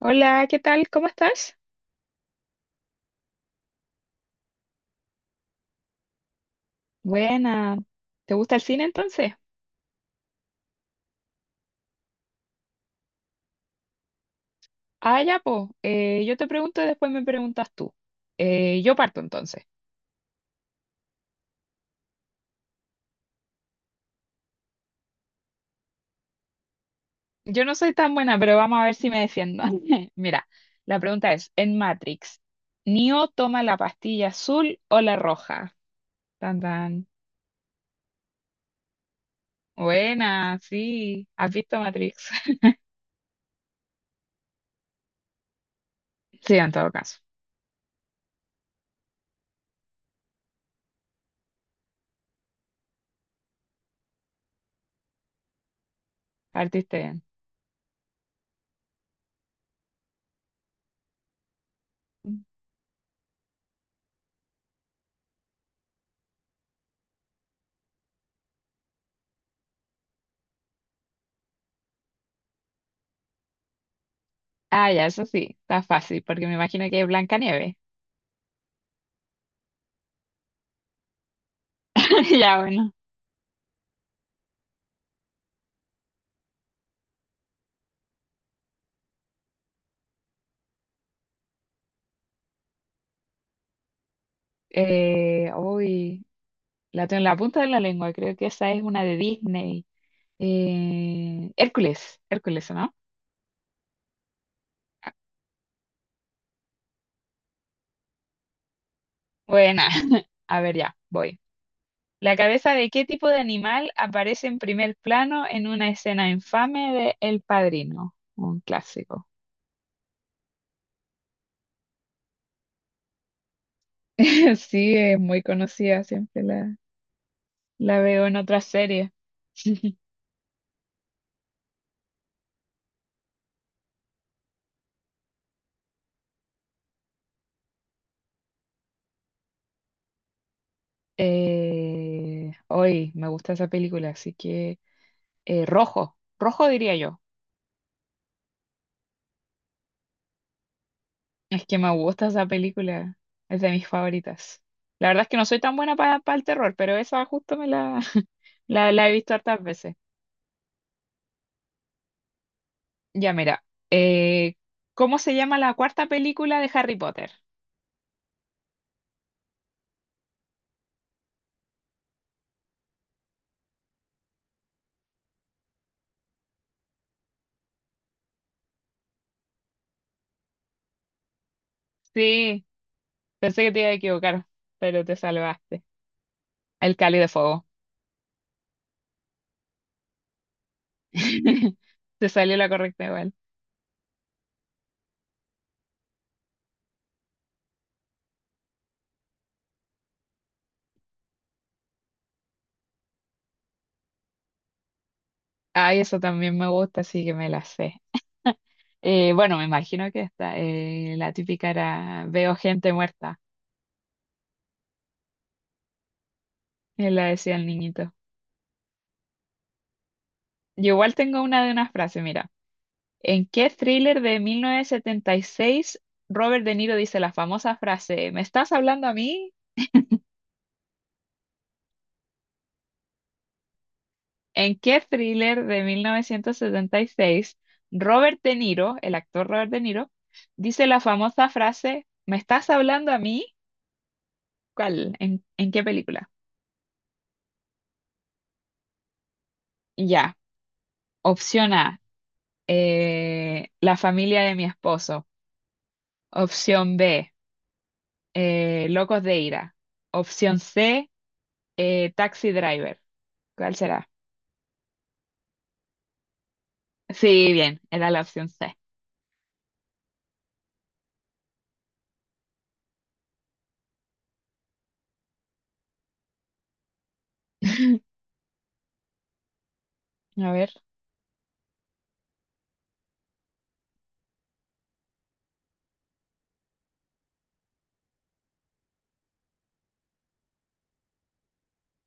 Hola, ¿qué tal? ¿Cómo estás? Buena. ¿Te gusta el cine entonces? Ah, ya, pues. Yo te pregunto y después me preguntas tú. Yo parto entonces. Yo no soy tan buena, pero vamos a ver si me defiendo. Mira, la pregunta es, en Matrix, ¿Neo toma la pastilla azul o la roja? Tan, tan. Buena, sí. ¿Has visto Matrix? Sí, en todo caso. Partiste bien. Ah, ya, eso sí. Está fácil, porque me imagino que es Blancanieves. Ya, bueno. Uy, la tengo en la punta de la lengua, creo que esa es una de Disney. Hércules, Hércules, ¿no? Buena. A ver, ya, voy. ¿La cabeza de qué tipo de animal aparece en primer plano en una escena infame de El Padrino? Un clásico. Sí, es muy conocida, siempre la veo en otras series. Hoy me gusta esa película, así que rojo, rojo diría yo. Es que me gusta esa película, es de mis favoritas. La verdad es que no soy tan buena para el terror, pero esa justo me la, la he visto hartas veces. Ya, mira, eh, ¿cómo se llama la cuarta película de Harry Potter? Sí, pensé que te iba a equivocar, pero te salvaste. El Cáliz de Fuego. Te salió la correcta igual. Ay, eso también me gusta, así que me la sé. Bueno, me imagino que esta, la típica era veo gente muerta, él la decía el niñito. Yo igual tengo una de una frase, mira. ¿En qué thriller de 1976 Robert De Niro dice la famosa frase, me estás hablando a mí? ¿En qué thriller de 1976 Robert De Niro, el actor Robert De Niro, dice la famosa frase, me estás hablando a mí? ¿Cuál? ¿En qué película? Ya. Opción A, La familia de mi esposo. Opción B, Locos de ira. Opción C, Taxi Driver. ¿Cuál será? Sí, bien, era la opción C. A ver.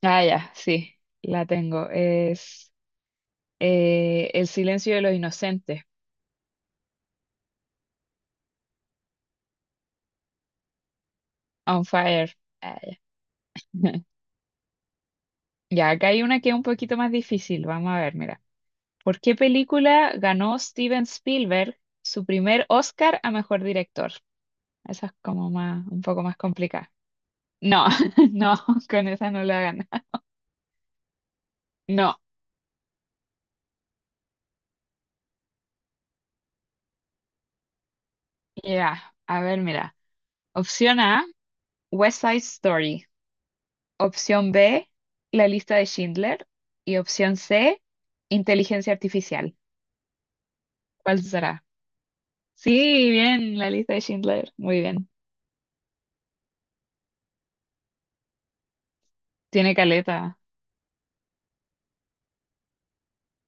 Ah, ya, sí, la tengo. Es El silencio de los inocentes. On fire. Ah, ya. Ya, acá hay una que es un poquito más difícil. Vamos a ver, mira. ¿Por qué película ganó Steven Spielberg su primer Oscar a mejor director? Esa es como más, un poco más complicada. No, no, con esa no la gana. No, ya. A ver, mira. Opción A. West Side Story. Opción B, La lista de Schindler. Y opción C, Inteligencia Artificial. ¿Cuál será? Sí, bien, La lista de Schindler. Muy bien. Tiene caleta.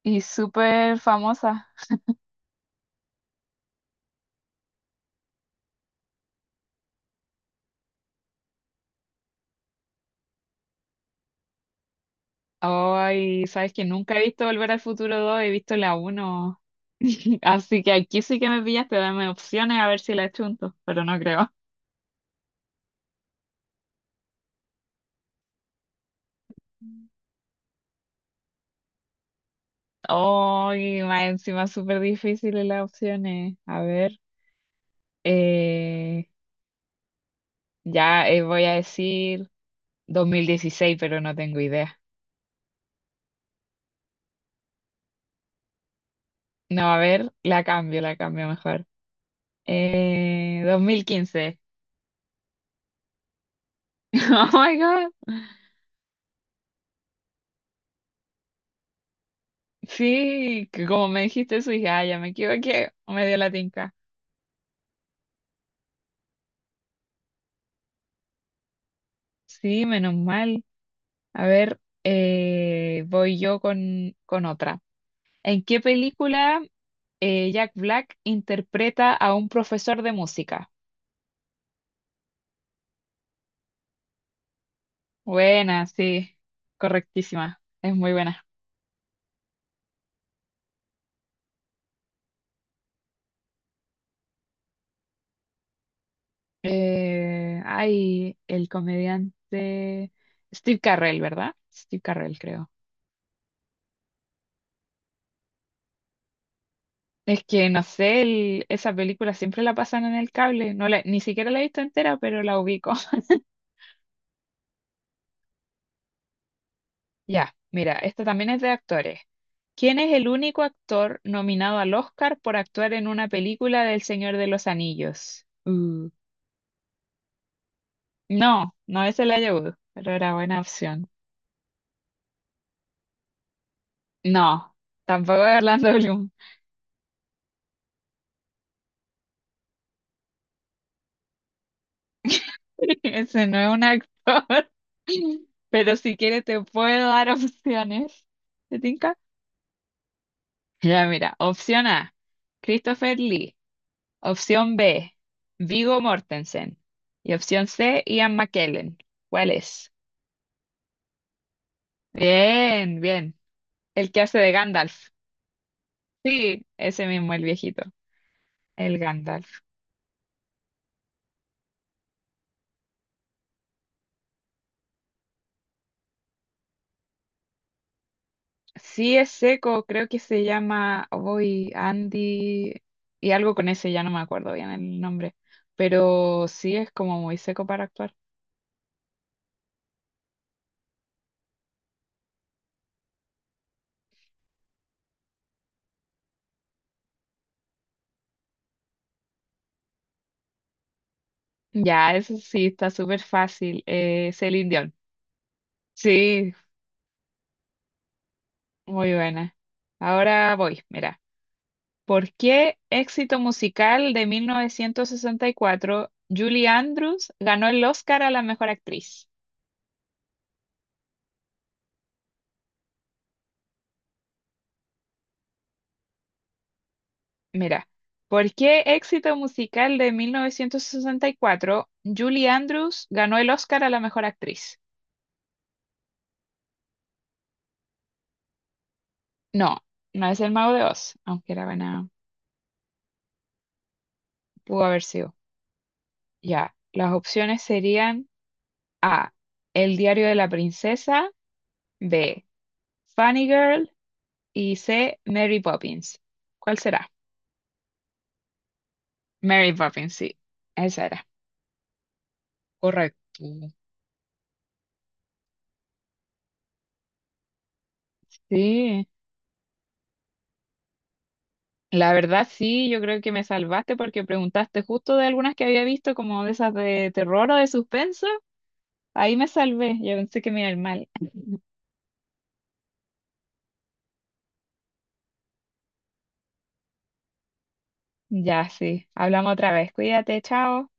Y súper famosa. Ay, sabes que nunca he visto Volver al Futuro 2, he visto la uno. Así que aquí sí que me pillaste, dame opciones a ver si la chunto, pero no creo. Ay, más encima súper difíciles las opciones. A ver. eh, Ya Voy a decir 2016 pero no tengo idea. No, a ver, la cambio mejor. 2015. Oh my God. Sí, que como me dijiste eso, dije, ah, ya me equivoqué, me dio la tinca. Sí, menos mal. A ver, voy yo con otra. ¿En qué película Jack Black interpreta a un profesor de música? Buena, sí, correctísima, es muy buena. Ay, el comediante Steve Carrell, ¿verdad? Steve Carrell, creo. Es que no sé, esa película siempre la pasan en el cable. No ni siquiera la he visto entera, pero la ubico. Ya, mira, esta también es de actores. ¿Quién es el único actor nominado al Oscar por actuar en una película del Señor de los Anillos? No, no es el Wood, pero era buena opción. No, tampoco es Orlando Bloom. Ese no es un actor. Pero si quieres te puedo dar opciones. ¿Te tinca? Ya, mira. Opción A, Christopher Lee. Opción B, Viggo Mortensen. Y opción C, Ian McKellen. ¿Cuál es? Bien, bien. El que hace de Gandalf. Sí, ese mismo, el viejito. El Gandalf. Sí, es seco, creo que se llama Voy Andy y algo con ese, ya no me acuerdo bien el nombre, pero sí es como muy seco para actuar. Ya, eso sí, está súper fácil. Celine Dion. Sí, muy buena. Ahora voy, mira. ¿Por qué éxito musical de 1964 Julie Andrews ganó el Oscar a la mejor actriz? Mira, ¿por qué éxito musical de 1964 Julie Andrews ganó el Oscar a la mejor actriz? No, no es El Mago de Oz, aunque era buena, pudo haber sido. Ya, las opciones serían A, El diario de la princesa, B, Funny Girl y C, Mary Poppins. ¿Cuál será? Mary Poppins, sí, esa era. Correcto. Sí, la verdad sí, yo creo que me salvaste porque preguntaste justo de algunas que había visto, como de esas de terror o de suspenso. Ahí me salvé, yo pensé que me iba a ir mal. Ya, sí, hablamos otra vez, cuídate, chao.